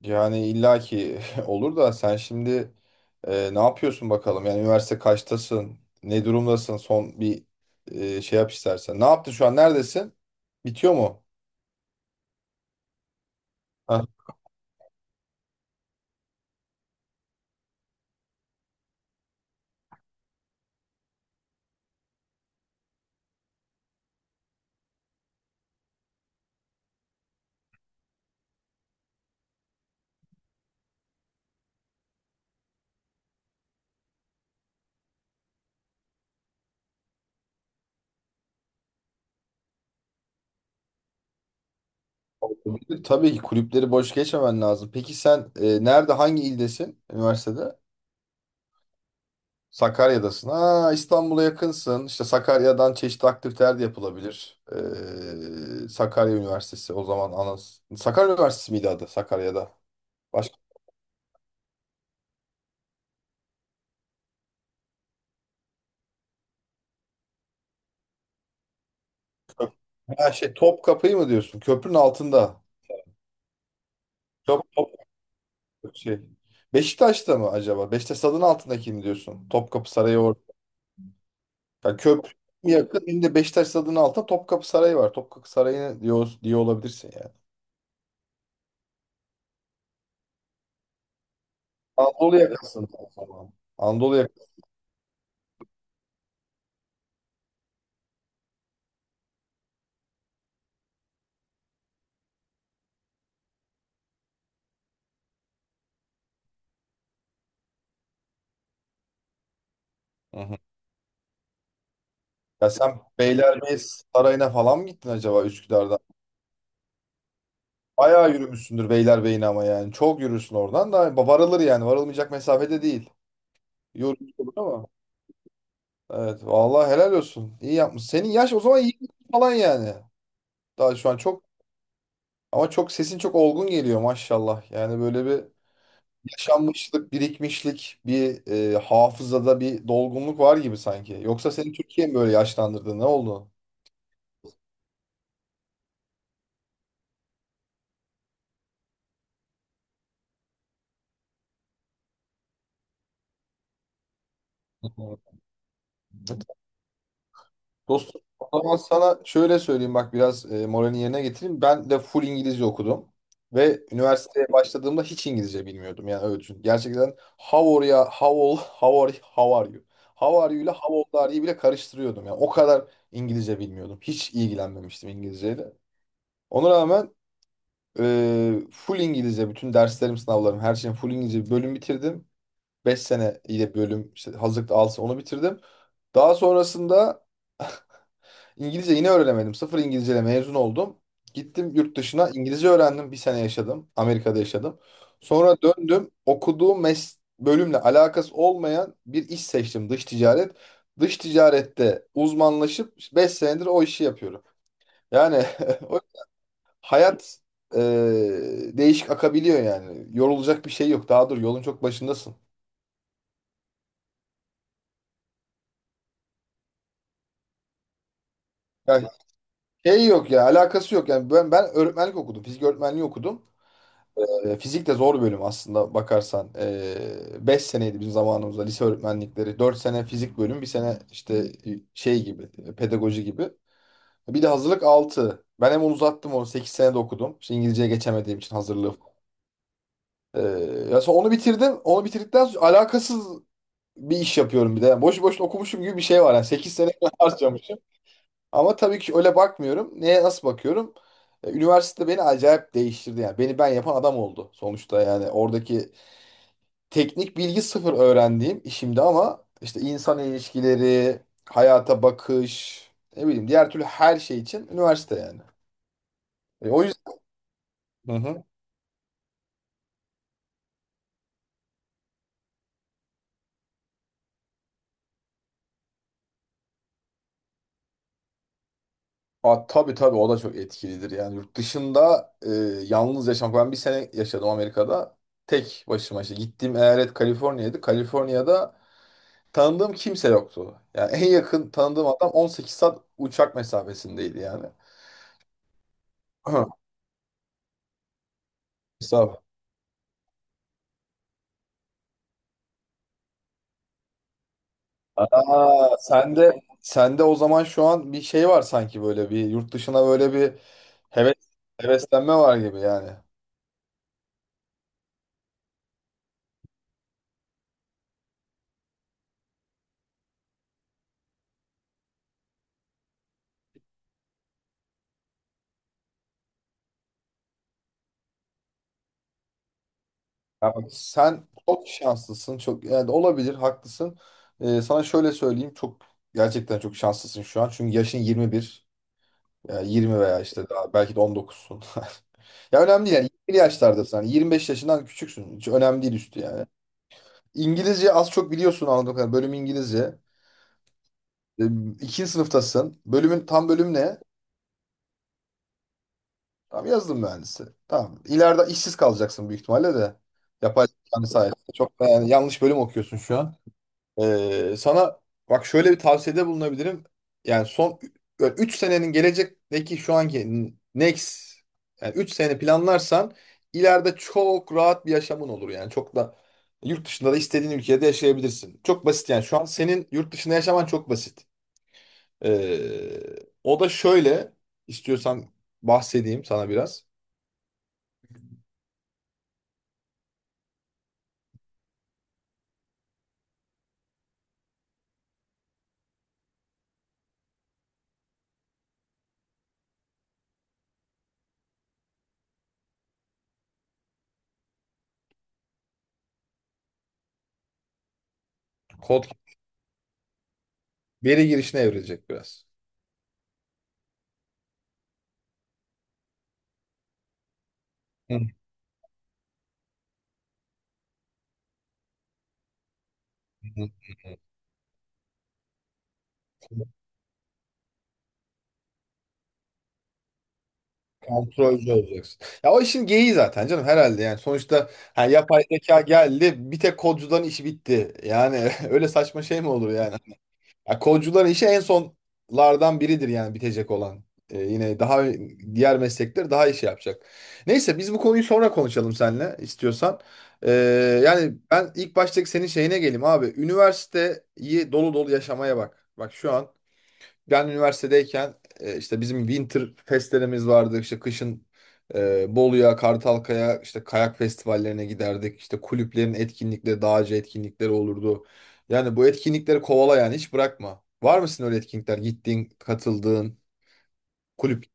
Yani illaki olur da sen şimdi ne yapıyorsun bakalım? Yani üniversite kaçtasın? Ne durumdasın? Son bir şey yap istersen. Ne yaptın şu an? Neredesin? Bitiyor mu? Ha, tabii tabii ki kulüpleri boş geçmemen lazım. Peki sen nerede, hangi ildesin üniversitede? Sakarya'dasın. Ha, İstanbul'a yakınsın. İşte Sakarya'dan çeşitli aktiviteler de yapılabilir. Sakarya Üniversitesi o zaman Sakarya Üniversitesi miydi adı Sakarya'da? Ha, şey, top kapıyı mı diyorsun? Köprünün altında. Top, top şey. Beşiktaş'ta mı acaba? Beşiktaş stadının altındaki mi diyorsun? Topkapı Sarayı orada. Yani köprü yakın. Şimdi Beşiktaş stadının altında Topkapı Sarayı var. Topkapı Sarayı diyor olabilirsin yani. Anadolu yakasında o zaman. Anadolu yakası. Hı hı. Ya sen Beylerbeyi Sarayı'na falan mı gittin acaba Üsküdar'dan? Bayağı yürümüşsündür Beylerbeyi'ne ama yani. Çok yürürsün, oradan da varılır yani. Varılmayacak mesafede değil. Yorucu olur ama. Evet vallahi helal olsun. İyi yapmış. Senin yaş o zaman iyi falan yani. Daha şu an çok, ama çok sesin çok olgun geliyor maşallah. Yani böyle bir yaşanmışlık, birikmişlik, bir hafızada bir dolgunluk var gibi sanki. Yoksa seni Türkiye mi böyle yaşlandırdı? Ne oldu? Dostum, o zaman sana şöyle söyleyeyim, bak biraz moralini yerine getireyim. Ben de full İngilizce okudum ve üniversiteye başladığımda hiç İngilizce bilmiyordum. Yani öyle düşün. Gerçekten how are you? How are you ile how old are you bile karıştırıyordum. Yani o kadar İngilizce bilmiyordum. Hiç ilgilenmemiştim İngilizceyle. Ona rağmen full İngilizce bütün derslerim, sınavlarım, her şeyim full İngilizce, bir bölüm bitirdim. 5 sene ile bölüm, işte hazırlıkta alsa onu bitirdim. Daha sonrasında İngilizce yine öğrenemedim. Sıfır İngilizceyle mezun oldum. Gittim yurt dışına, İngilizce öğrendim. Bir sene yaşadım. Amerika'da yaşadım. Sonra döndüm. Okuduğum bölümle alakası olmayan bir iş seçtim. Dış ticaret. Dış ticarette uzmanlaşıp 5 senedir o işi yapıyorum. Yani o- hayat e, değişik akabiliyor yani. Yorulacak bir şey yok. Daha dur, yolun çok başındasın. Yani şey yok ya, alakası yok. Yani ben öğretmenlik okudum. Fizik öğretmenliği okudum. Fizik de zor bölüm aslında bakarsan. 5 seneydi bizim zamanımızda lise öğretmenlikleri. 4 sene fizik bölüm, bir sene işte şey gibi, pedagoji gibi. Bir de hazırlık altı. Ben hem onu uzattım, onu 8 sene de okudum. İşte İngilizceye geçemediğim için hazırlığı. E, ya sonra onu bitirdim. Onu bitirdikten sonra alakasız bir iş yapıyorum bir de. Yani boş boşuna okumuşum gibi bir şey var. Yani 8 sene harcamışım. Ama tabii ki öyle bakmıyorum. Neye nasıl bakıyorum? Üniversite beni acayip değiştirdi yani. Beni ben yapan adam oldu sonuçta yani. Oradaki teknik bilgi sıfır öğrendiğim işimde, ama işte insan ilişkileri, hayata bakış, ne bileyim, diğer türlü her şey için üniversite yani. O yüzden. Hı hı. Aa, tabii tabii o da çok etkilidir yani. Yurt dışında yalnız yaşamak, ben bir sene yaşadım Amerika'da tek başıma. İşte gittiğim eyalet Kaliforniya'ydı. Kaliforniya'da tanıdığım kimse yoktu yani. En yakın tanıdığım adam 18 saat uçak mesafesindeydi yani. Estağfurullah. Aa, sen de o zaman şu an bir şey var sanki, böyle bir yurt dışına böyle bir heves heveslenme var gibi yani. Ya bak, sen çok şanslısın çok, yani olabilir, haklısın. Sana şöyle söyleyeyim, çok gerçekten çok şanslısın şu an, çünkü yaşın 21 yani, 20 veya işte daha belki de 19'sun. Ya önemli değil yani, 20 yaşlardasın, hani 25 yaşından küçüksün, hiç önemli değil üstü yani. İngilizce az çok biliyorsun anladığım kadarıyla, bölüm İngilizce. Ee, İkinci sınıftasın. Bölümün tam, bölüm ne? Tamam, yazdım mühendisi. Tamam. İleride işsiz kalacaksın büyük ihtimalle de. Yapay zekanın sayesinde. Çok da yani yanlış bölüm okuyorsun şu an. Sana bak şöyle bir tavsiyede bulunabilirim. Yani son 3 senenin gelecekteki şu anki next, yani 3 sene planlarsan ileride çok rahat bir yaşamın olur yani. Çok da yurt dışında da istediğin ülkede yaşayabilirsin. Çok basit yani. Şu an senin yurt dışında yaşaman çok basit. O da şöyle, istiyorsan bahsedeyim sana biraz. Kod veri girişine evrilecek biraz. Hı hı. Kontrolcü olacaksın. Ya o işin geyiği zaten canım herhalde yani. Sonuçta ha, yapay zeka geldi bir tek kodcuların işi bitti. Yani öyle saçma şey mi olur yani? Ya kolcuların işi en sonlardan biridir yani bitecek olan. Yine daha diğer meslekler daha işi yapacak. Neyse biz bu konuyu sonra konuşalım seninle, istiyorsan. Ee, yani ben ilk baştaki senin şeyine geleyim abi. Üniversiteyi dolu dolu yaşamaya bak. Bak şu an, ben üniversitedeyken işte bizim winter festlerimiz vardı. İşte kışın Bolu'ya, Kartalkaya, işte kayak festivallerine giderdik. İşte kulüplerin etkinlikleri, dağcı etkinlikleri olurdu. Yani bu etkinlikleri kovala yani, hiç bırakma. Var mısın öyle etkinlikler? Gittiğin, katıldığın kulüp.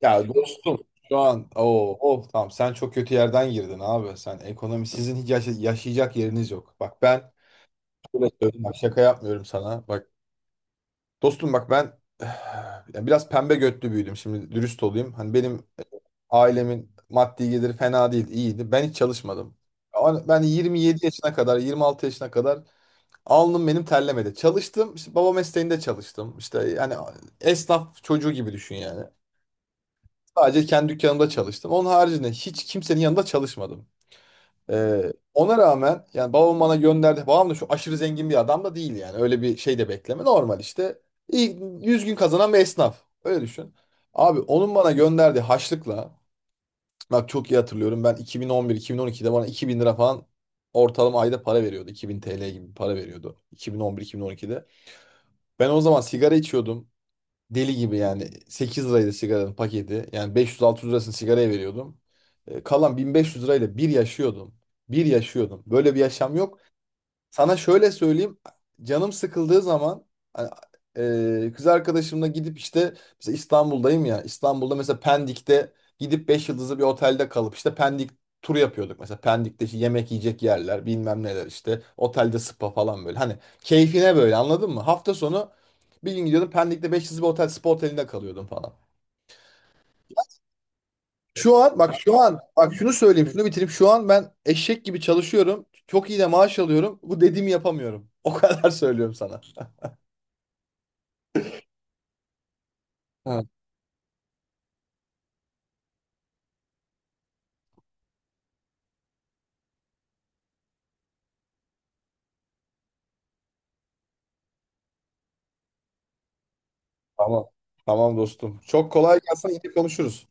Ya dostum, şu an oh tamam, sen çok kötü yerden girdin abi. Sen ekonomi, sizin hiç yaşayacak yeriniz yok. Bak ben şöyle söyleyeyim, bak şaka yapmıyorum sana. Bak, dostum, bak ben yani biraz pembe götlü büyüdüm. Şimdi dürüst olayım. Hani benim ailemin maddi geliri fena değil, iyiydi. Ben hiç çalışmadım. Ama ben 27 yaşına kadar, 26 yaşına kadar alnım benim terlemedi. Çalıştım. İşte baba mesleğinde çalıştım. İşte yani esnaf çocuğu gibi düşün yani. Sadece kendi dükkanımda çalıştım. Onun haricinde hiç kimsenin yanında çalışmadım. Ona rağmen yani babam bana gönderdi. Babam da şu aşırı zengin bir adam da değil yani. Öyle bir şey de bekleme. Normal işte. İlk 100 gün kazanan bir esnaf. Öyle düşün. Abi, onun bana gönderdiği haçlıkla, bak çok iyi hatırlıyorum. Ben 2011-2012'de bana 2000 lira falan ortalama ayda para veriyordu. 2000 TL gibi bir para veriyordu, 2011-2012'de. Ben o zaman sigara içiyordum. Deli gibi, yani 8 liraydı sigaranın paketi. Yani beş yüz, altı yüz lirasını sigaraya veriyordum. Kalan 1500 lirayla bir yaşıyordum. Bir yaşıyordum. Böyle bir yaşam yok. Sana şöyle söyleyeyim. Canım sıkıldığı zaman hani, kız arkadaşımla gidip işte, mesela İstanbul'dayım ya. İstanbul'da mesela Pendik'te, gidip 5 yıldızlı bir otelde kalıp işte Pendik turu yapıyorduk. Mesela Pendik'te işte yemek yiyecek yerler, bilmem neler işte. Otelde spa falan böyle. Hani keyfine böyle, anladın mı? Hafta sonu bir gün gidiyordum Pendik'te, 5 yıldızlı bir otel, spa otelinde kalıyordum falan. Şu an bak şunu söyleyeyim, şunu bitireyim. Şu an ben eşek gibi çalışıyorum. Çok iyi de maaş alıyorum. Bu dediğimi yapamıyorum. O kadar söylüyorum sana. Ha, tamam. Tamam dostum. Çok kolay gelsin. Yine konuşuruz.